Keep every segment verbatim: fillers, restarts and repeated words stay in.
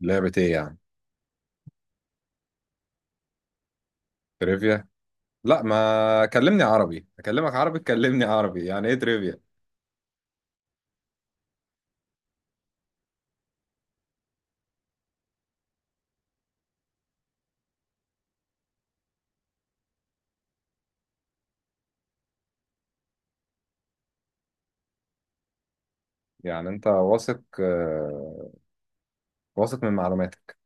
لعبة ايه يعني؟ تريفيا؟ لا، ما كلمني عربي اكلمك عربي، تكلمني عربي يعني ايه تريفيا؟ يعني انت واثق، آه، واثق من معلوماتك؟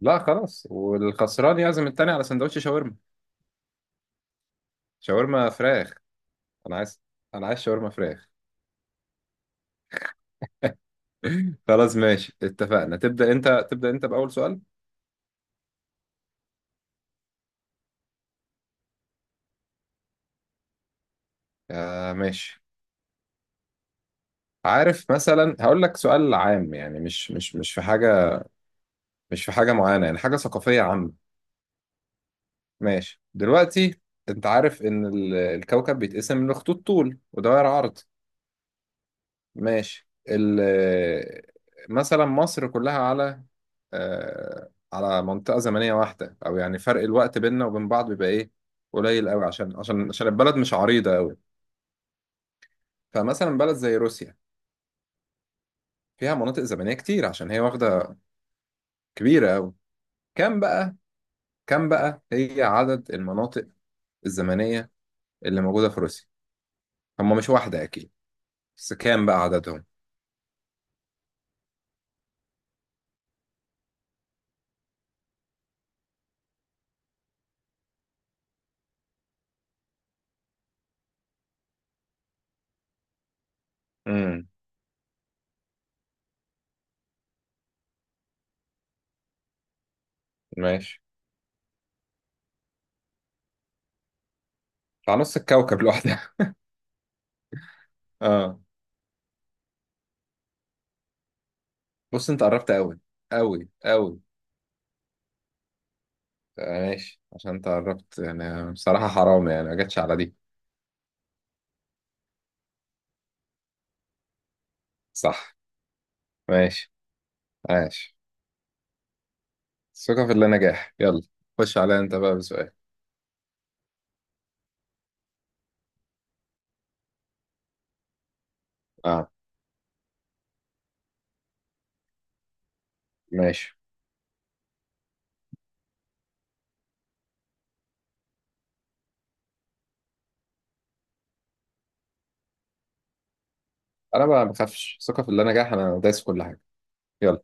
لا خلاص، والخسران يعزم التاني على سندوتش شاورما. شاورما فراخ. انا عايز، انا عايز شاورما فراخ. خلاص ماشي، اتفقنا. تبدأ انت، تبدأ انت بأول سؤال. آه ماشي. عارف، مثلا هقول لك سؤال عام، يعني مش مش مش في حاجة، مش في حاجة معينة، يعني حاجة ثقافية عامة. ماشي دلوقتي، انت عارف ان ال- الكوكب بيتقسم لخطوط طول ودوائر عرض. ماشي. ال- مثلا مصر كلها على، آه، على منطقة زمنية واحدة، او يعني فرق الوقت بيننا وبين بعض بيبقى ايه؟ قليل قوي، عشان عشان عشان البلد مش عريضة قوي. فمثلا بلد زي روسيا فيها مناطق زمنية كتير، عشان هي واخدة كبيرة قوي. كم بقى، كم بقى هي عدد المناطق الزمنية اللي موجودة في روسيا؟ هم مش واحدة اكيد، بس كام بقى عددهم؟ ماشي. على نص الكوكب لوحدها. اه. بص، انت قربت قوي، قوي قوي. آه، ماشي، عشان انت قربت يعني، بصراحة حرام يعني ما جاتش على دي. صح. ماشي ماشي. ثقة في الله نجاح، يلا. خش عليا انت بقى بسؤال. اه ماشي. انا بقى ما بخافش، ثقة في الله نجاح، انا دايس في كل حاجة. يلا.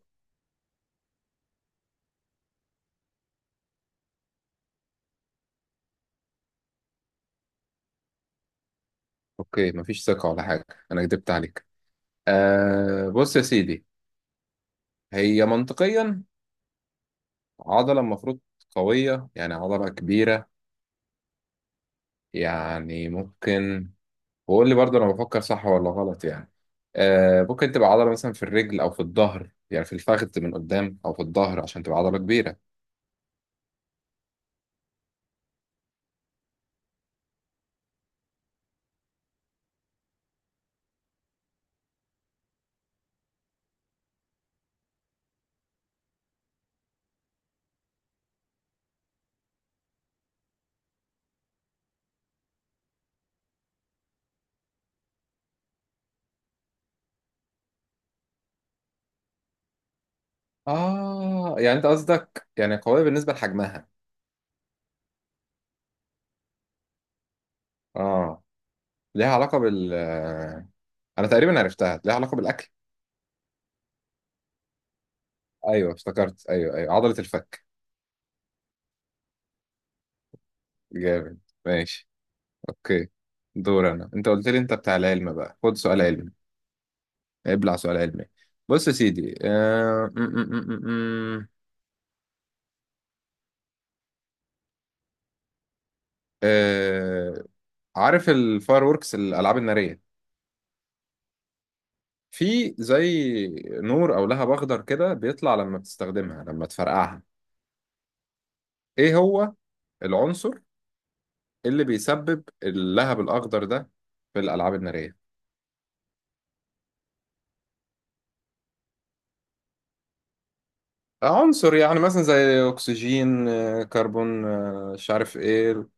اوكي مفيش ثقة ولا حاجة، انا كدبت عليك. آه بص يا سيدي، هي منطقيا عضلة المفروض قوية، يعني عضلة كبيرة. يعني ممكن، وقول لي برضه انا بفكر صح ولا غلط يعني. آه، ممكن تبقى عضله مثلا في الرجل او في الظهر، يعني في الفخذ من قدام او في الظهر، عشان تبقى عضله كبيره. اه يعني انت قصدك يعني قويه بالنسبه لحجمها. اه، ليها علاقه بال آه، انا تقريبا عرفتها ليها علاقه بالاكل. ايوه افتكرت، ايوه ايوه، عضله الفك. جامد. ماشي. اوكي. دور انا، انت قلت لي انت بتاع العلم بقى، خد سؤال علمي. ابلع سؤال علمي. بص يا سيدي، آه... م -م -م -م. عارف الفاير ووركس، الالعاب الناريه، في زي نور او لهب اخضر كده بيطلع لما بتستخدمها، لما تفرقعها، ايه هو العنصر اللي بيسبب اللهب الاخضر ده في الالعاب الناريه؟ عنصر يعني، مثلا زي اكسجين، آه، كربون، آه، مش عارف ايه.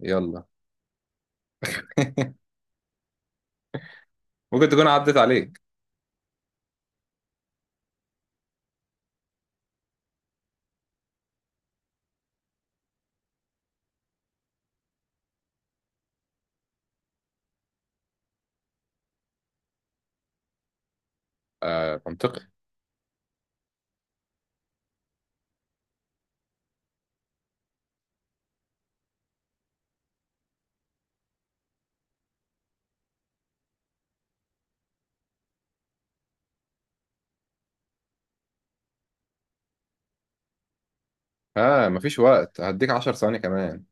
يلا. ممكن تكون عدت عليك. آه منطقي. اه مفيش وقت، هديك عشر ثواني كمان.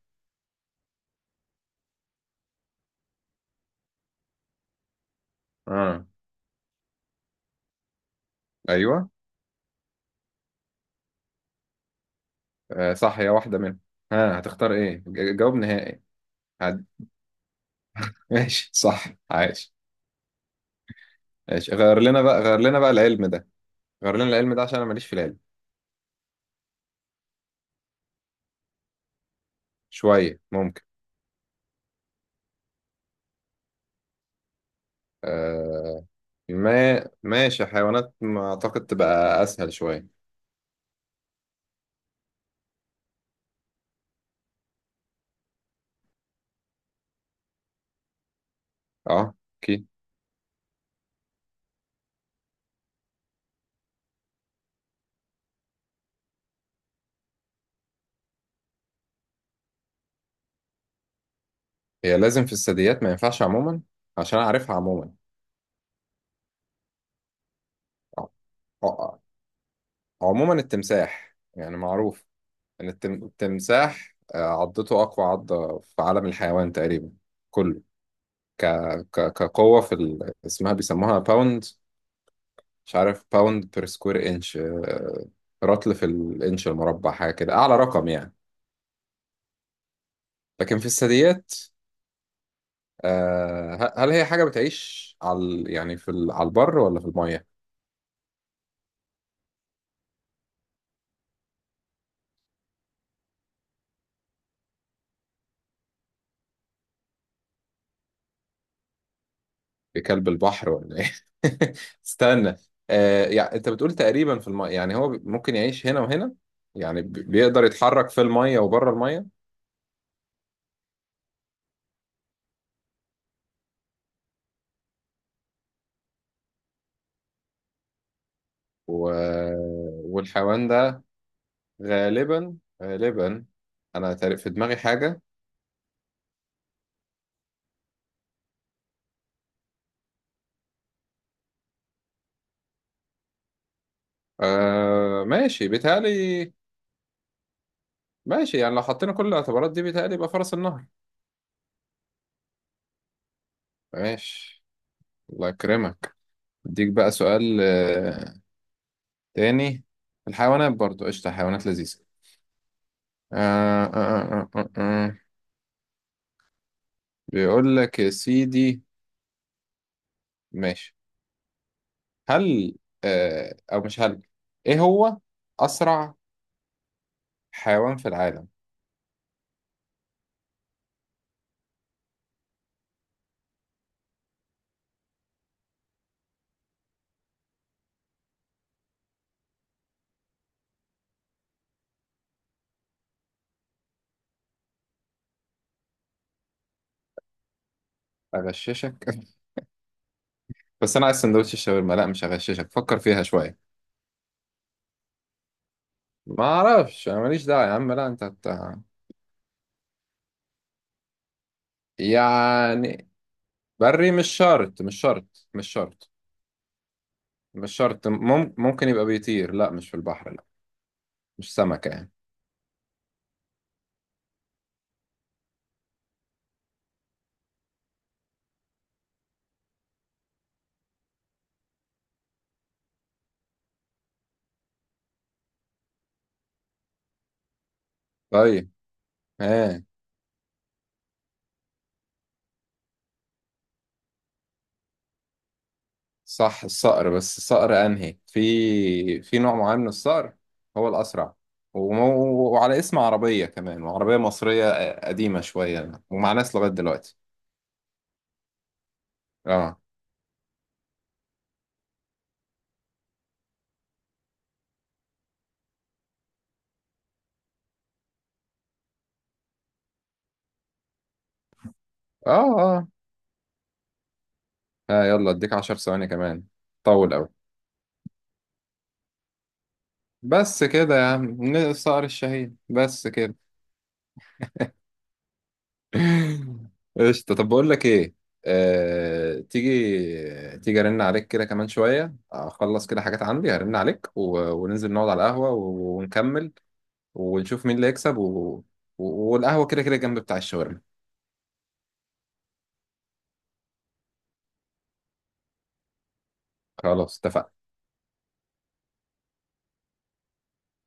اه. ايوه. آه صح، هي واحده منهم. ها، آه هتختار ايه ج- جواب نهائي؟ ماشي صح. عايش. ماشي، غير لنا بقى، غير لنا بقى العلم ده. غير لنا العلم ده، عشان انا ماليش في العلم. شوية ممكن. آه. ما ماشي، حيوانات ما اعتقد تبقى اسهل شوية. اه. اكيد. هي لازم في الثدييات؟ ما ينفعش عموما، عشان اعرفها عموما. آه. آه. آه. عموما التمساح يعني معروف ان التم... التمساح، آه، عضته اقوى عضة في عالم الحيوان تقريبا كله. ك... ك... كقوة في ال... اسمها بيسموها باوند، مش عارف، باوند بير سكوير انش، رطل في الانش المربع، حاجه كده اعلى رقم يعني. لكن في الثدييات، آه، ه- هل هي حاجه بتعيش على ال- يعني في ال- على البر ولا في الميه؟ في كلب البحر ولا ايه؟ استنى، آه، يعني انت بتقول تقريبا في الميه، يعني هو بي- ممكن يعيش هنا وهنا. يعني بي- بيقدر يتحرك في الميه وبره الميه. و... والحيوان ده غالبا، غالبا، انا تقريبا في دماغي حاجه. آه ماشي، بيتهيألي، ماشي، يعني لو حطينا كل الاعتبارات دي، بيتهيألي يبقى فرس النهر. ماشي. الله يكرمك. اديك بقى سؤال، آه، تاني. الحيوانات برضو قشطة، حيوانات لذيذة. آه آه آه آه آه. آه. بيقول لك يا سيدي، ماشي، هل، آه أو مش هل، إيه هو أسرع حيوان في العالم؟ أغششك؟ بس أنا عايز سندوتش الشاورما. لا مش هغششك، فكر فيها شوية. ما أعرفش، أنا ماليش دعوة يا عم، لا أنت أنت. يعني بري؟ مش شرط مش شرط مش شرط. مش شرط مم... ممكن يبقى بيطير. لا مش في البحر، لا. مش سمكة يعني. طيب. ها صح، الصقر. بس الصقر أنهي؟ في في نوع معين من الصقر هو الأسرع، ومو... وعلى اسم عربية كمان، وعربية مصرية قديمة شوية ومع ناس لغاية دلوقتي. اه. اه. اه. آه، يلا اديك عشر ثواني كمان. طول أوي. بس كده يا عم الصقر الشهيد، بس كده. قشطة. طب بقول لك ايه، آه... تيجي تيجي ارن عليك كده كمان شوية، اخلص كده حاجات عندي، هرن عليك و... وننزل نقعد على القهوة و... ونكمل، ونشوف مين اللي يكسب و... و... والقهوة كده كده جنب بتاع الشاورما. خلاص اتفقنا.